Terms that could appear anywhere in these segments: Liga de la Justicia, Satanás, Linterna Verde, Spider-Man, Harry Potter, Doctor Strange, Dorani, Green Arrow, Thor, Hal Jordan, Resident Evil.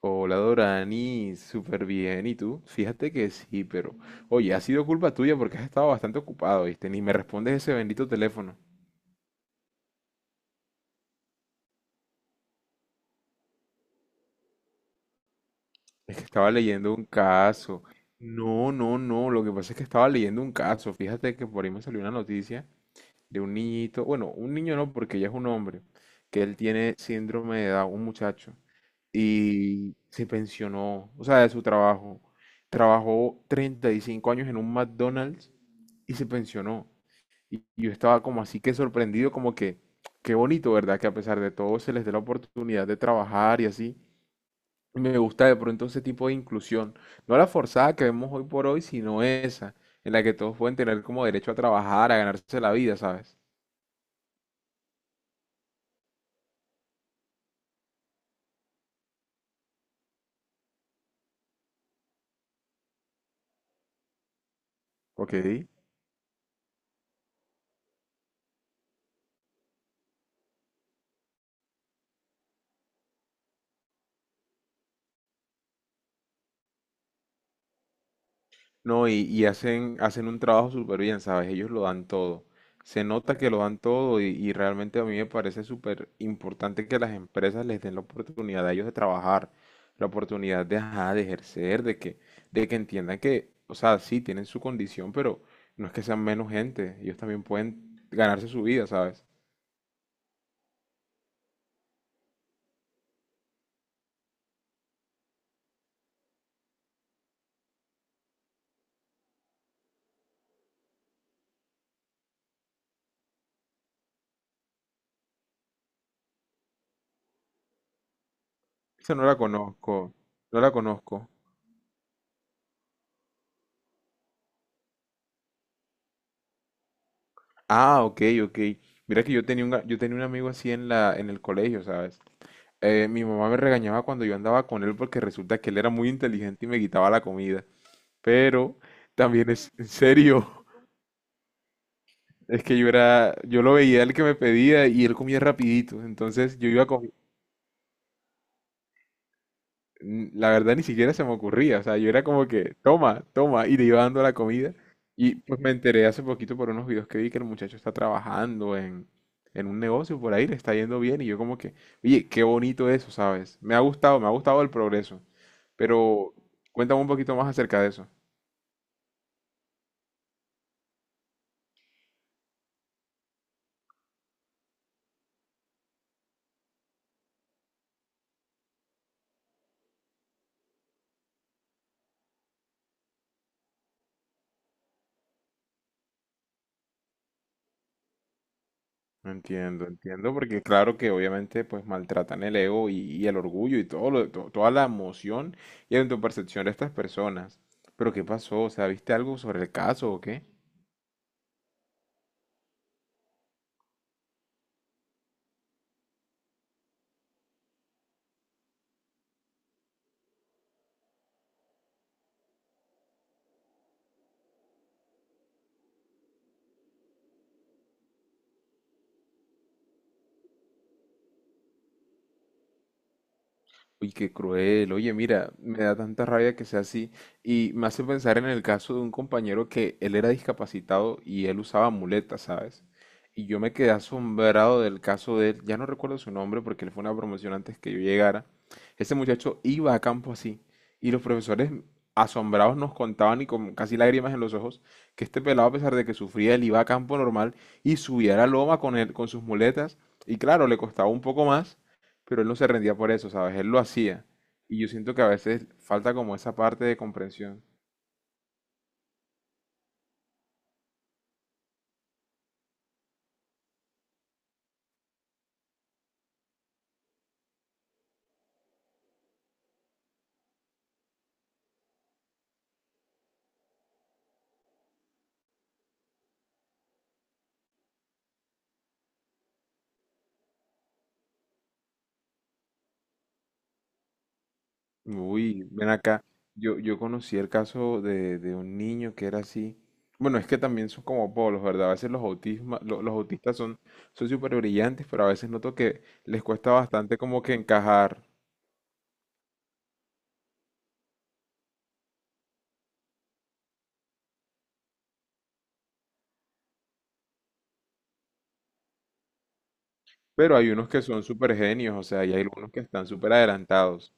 Hola Dorani, súper bien. ¿Y tú? Fíjate que sí, pero oye, ha sido culpa tuya porque has estado bastante ocupado, ¿viste? Ni me respondes ese bendito teléfono. Es que estaba leyendo un caso. No, no, no. Lo que pasa es que estaba leyendo un caso. Fíjate que por ahí me salió una noticia de un niñito. Bueno, un niño no, porque ya es un hombre. Que él tiene síndrome de Down, un muchacho. Y se pensionó, o sea, de su trabajo. Trabajó 35 años en un McDonald's y se pensionó. Y yo estaba como así que sorprendido, como que, qué bonito, ¿verdad? Que a pesar de todo se les dé la oportunidad de trabajar y así. Y me gusta de pronto ese tipo de inclusión. No la forzada que vemos hoy por hoy, sino esa, en la que todos pueden tener como derecho a trabajar, a ganarse la vida, ¿sabes? Ok. No, y hacen, hacen un trabajo súper bien, ¿sabes? Ellos lo dan todo. Se nota que lo dan todo y realmente a mí me parece súper importante que las empresas les den la oportunidad a ellos de trabajar, la oportunidad de, ajá, de ejercer, de que entiendan que, o sea, sí, tienen su condición, pero no es que sean menos gente. Ellos también pueden ganarse su vida, ¿sabes? Esa no la conozco, no la conozco. Ah, ok, ok. Mira que yo tenía yo tenía un amigo así en en el colegio, ¿sabes? Eh, mi mamá me regañaba cuando yo andaba con él porque resulta que él era muy inteligente y me quitaba la comida. Pero también es en serio, es que yo era, yo lo veía el que me pedía y él comía rapidito. Entonces yo iba con, la verdad ni siquiera se me ocurría. O sea, yo era como que, toma, toma, y le iba dando la comida. Y pues me enteré hace poquito por unos videos que vi que el muchacho está trabajando en un negocio por ahí, le está yendo bien. Y yo como que, oye, qué bonito eso, ¿sabes? Me ha gustado el progreso. Pero cuéntame un poquito más acerca de eso. Entiendo, entiendo, porque claro que obviamente pues maltratan el ego y el orgullo y todo toda la emoción y tu percepción de estas personas. Pero ¿qué pasó? O sea, ¿viste algo sobre el caso o qué? Uy, qué cruel. Oye, mira, me da tanta rabia que sea así. Y me hace pensar en el caso de un compañero que él era discapacitado y él usaba muletas, ¿sabes? Y yo me quedé asombrado del caso de él. Ya no recuerdo su nombre porque él fue una promoción antes que yo llegara. Ese muchacho iba a campo así. Y los profesores asombrados nos contaban y con casi lágrimas en los ojos que este pelado, a pesar de que sufría, él iba a campo normal y subía la loma con él, con sus muletas. Y claro, le costaba un poco más pero él no se rendía por eso, ¿sabes? Él lo hacía. Y yo siento que a veces falta como esa parte de comprensión. Uy, ven acá. Yo conocí el caso de un niño que era así. Bueno, es que también son como polos, ¿verdad? A veces los autistas son son súper brillantes, pero a veces noto que les cuesta bastante como que encajar. Pero hay unos que son súper genios, o sea, y hay algunos que están súper adelantados.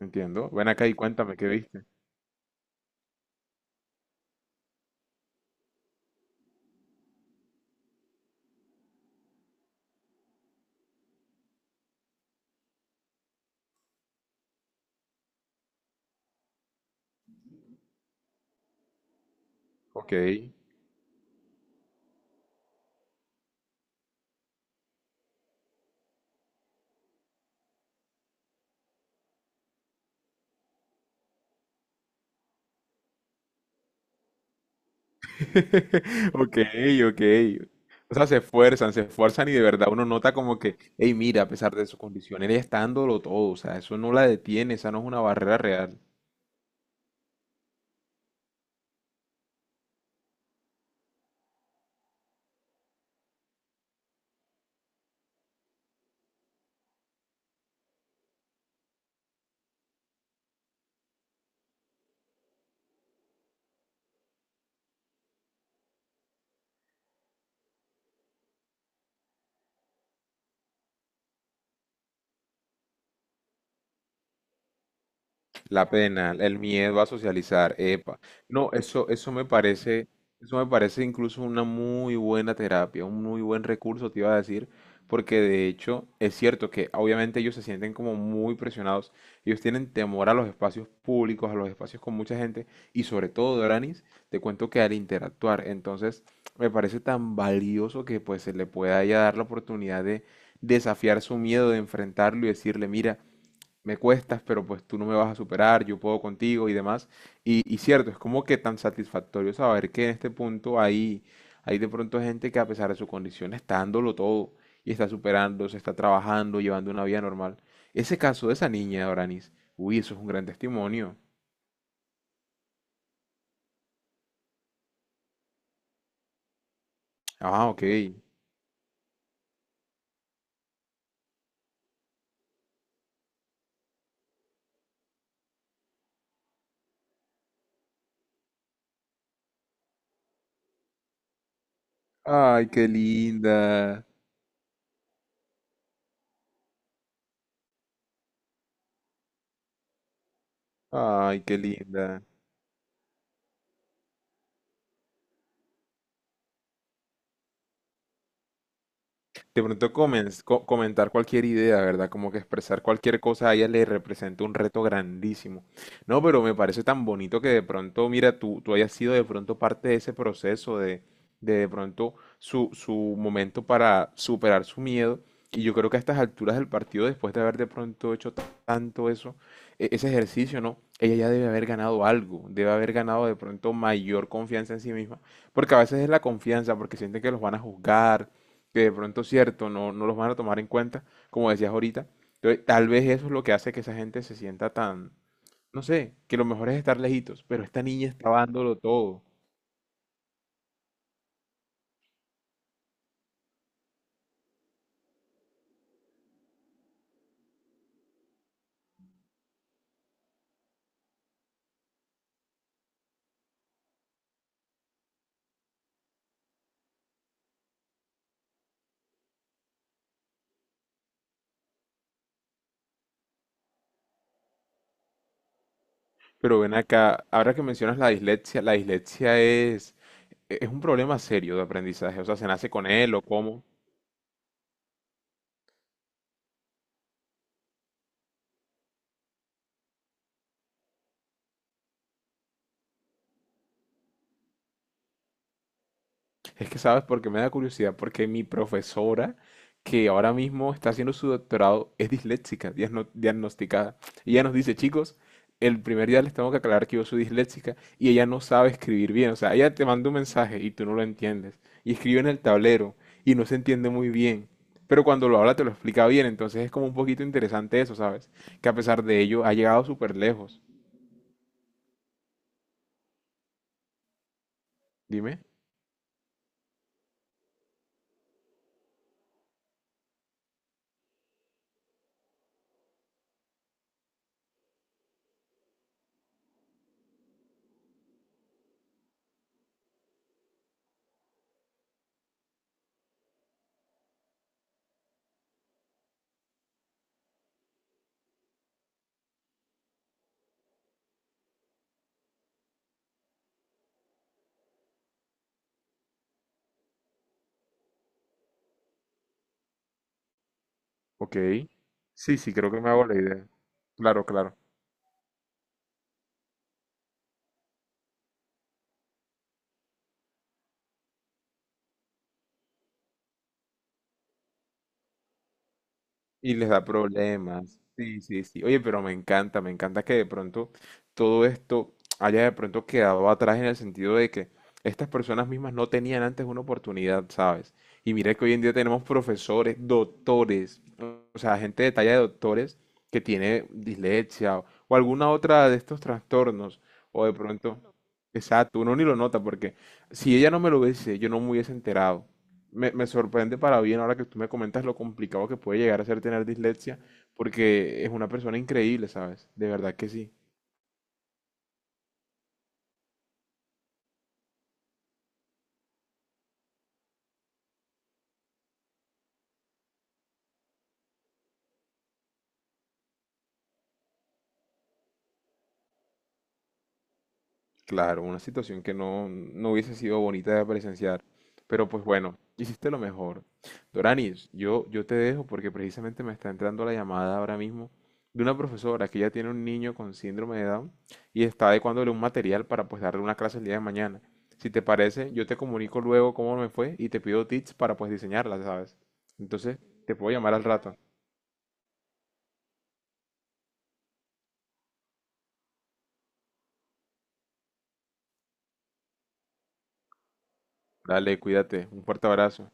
Entiendo. Ven acá y cuéntame qué viste. Ok. Ok, ok. O sea, se esfuerzan y de verdad uno nota como que, hey, mira, a pesar de su condición, él está dándolo todo, o sea, eso no la detiene, esa no es una barrera real. La pena, el miedo a socializar, epa. No, eso, eso me parece incluso una muy buena terapia, un muy buen recurso, te iba a decir, porque de hecho es cierto que obviamente ellos se sienten como muy presionados, ellos tienen temor a los espacios públicos, a los espacios con mucha gente, y sobre todo, Doranis, te cuento que al interactuar, entonces me parece tan valioso que pues se le pueda ya dar la oportunidad de desafiar su miedo, de enfrentarlo y decirle, mira, me cuestas, pero pues tú no me vas a superar, yo puedo contigo y demás. Y cierto, es como que tan satisfactorio saber que en este punto hay de pronto gente que a pesar de su condición está dándolo todo y está superando, se está trabajando, llevando una vida normal. Ese caso de esa niña, Doranis, uy, eso es un gran testimonio. Ah, ok. Ay, qué linda. Ay, qué linda. De pronto comentar cualquier idea, ¿verdad? Como que expresar cualquier cosa a ella le representa un reto grandísimo. No, pero me parece tan bonito que de pronto, mira, tú hayas sido de pronto parte de ese proceso de pronto su momento para superar su miedo. Y yo creo que a estas alturas del partido, después de haber de pronto hecho tanto eso, ese ejercicio, ¿no? Ella ya debe haber ganado algo, debe haber ganado de pronto mayor confianza en sí misma, porque a veces es la confianza, porque sienten que los van a juzgar que de pronto, cierto, no los van a tomar en cuenta, como decías ahorita. Entonces, tal vez eso es lo que hace que esa gente se sienta tan, no sé, que lo mejor es estar lejitos, pero esta niña estaba dándolo todo. Pero ven acá, ahora que mencionas la dislexia es un problema serio de aprendizaje, o sea, ¿se nace con él o cómo? Es que sabes porque me da curiosidad, porque mi profesora, que ahora mismo está haciendo su doctorado, es disléxica, diagnosticada. Y ella nos dice, chicos, el primer día les tengo que aclarar que yo soy disléxica y ella no sabe escribir bien. O sea, ella te manda un mensaje y tú no lo entiendes. Y escribe en el tablero y no se entiende muy bien. Pero cuando lo habla te lo explica bien, entonces es como un poquito interesante eso, ¿sabes? Que a pesar de ello ha llegado súper lejos. Dime. Ok. Sí, sí, creo que me hago la idea. Claro, claro. Y les da problemas. Sí, sí, sí. Oye, pero me encanta que de pronto todo esto haya de pronto quedado atrás en el sentido de que estas personas mismas no tenían antes una oportunidad, ¿sabes? Y mira que hoy en día tenemos profesores, doctores, o sea, gente de talla de doctores que tiene dislexia o alguna otra de estos trastornos, o de pronto, exacto, uno ni lo nota porque si ella no me lo hubiese, yo no me hubiese enterado me sorprende para bien ahora que tú me comentas lo complicado que puede llegar a ser tener dislexia, porque es una persona increíble, ¿sabes? De verdad que sí. Claro, una situación que no hubiese sido bonita de presenciar. Pero pues bueno, hiciste lo mejor. Doranis, yo te dejo porque precisamente me está entrando la llamada ahora mismo de una profesora que ya tiene un niño con síndrome de Down y está adecuándole un material para pues darle una clase el día de mañana. Si te parece, yo te comunico luego cómo me fue y te pido tips para pues diseñarla, ¿sabes? Entonces, te puedo llamar al rato. Dale, cuídate. Un fuerte abrazo.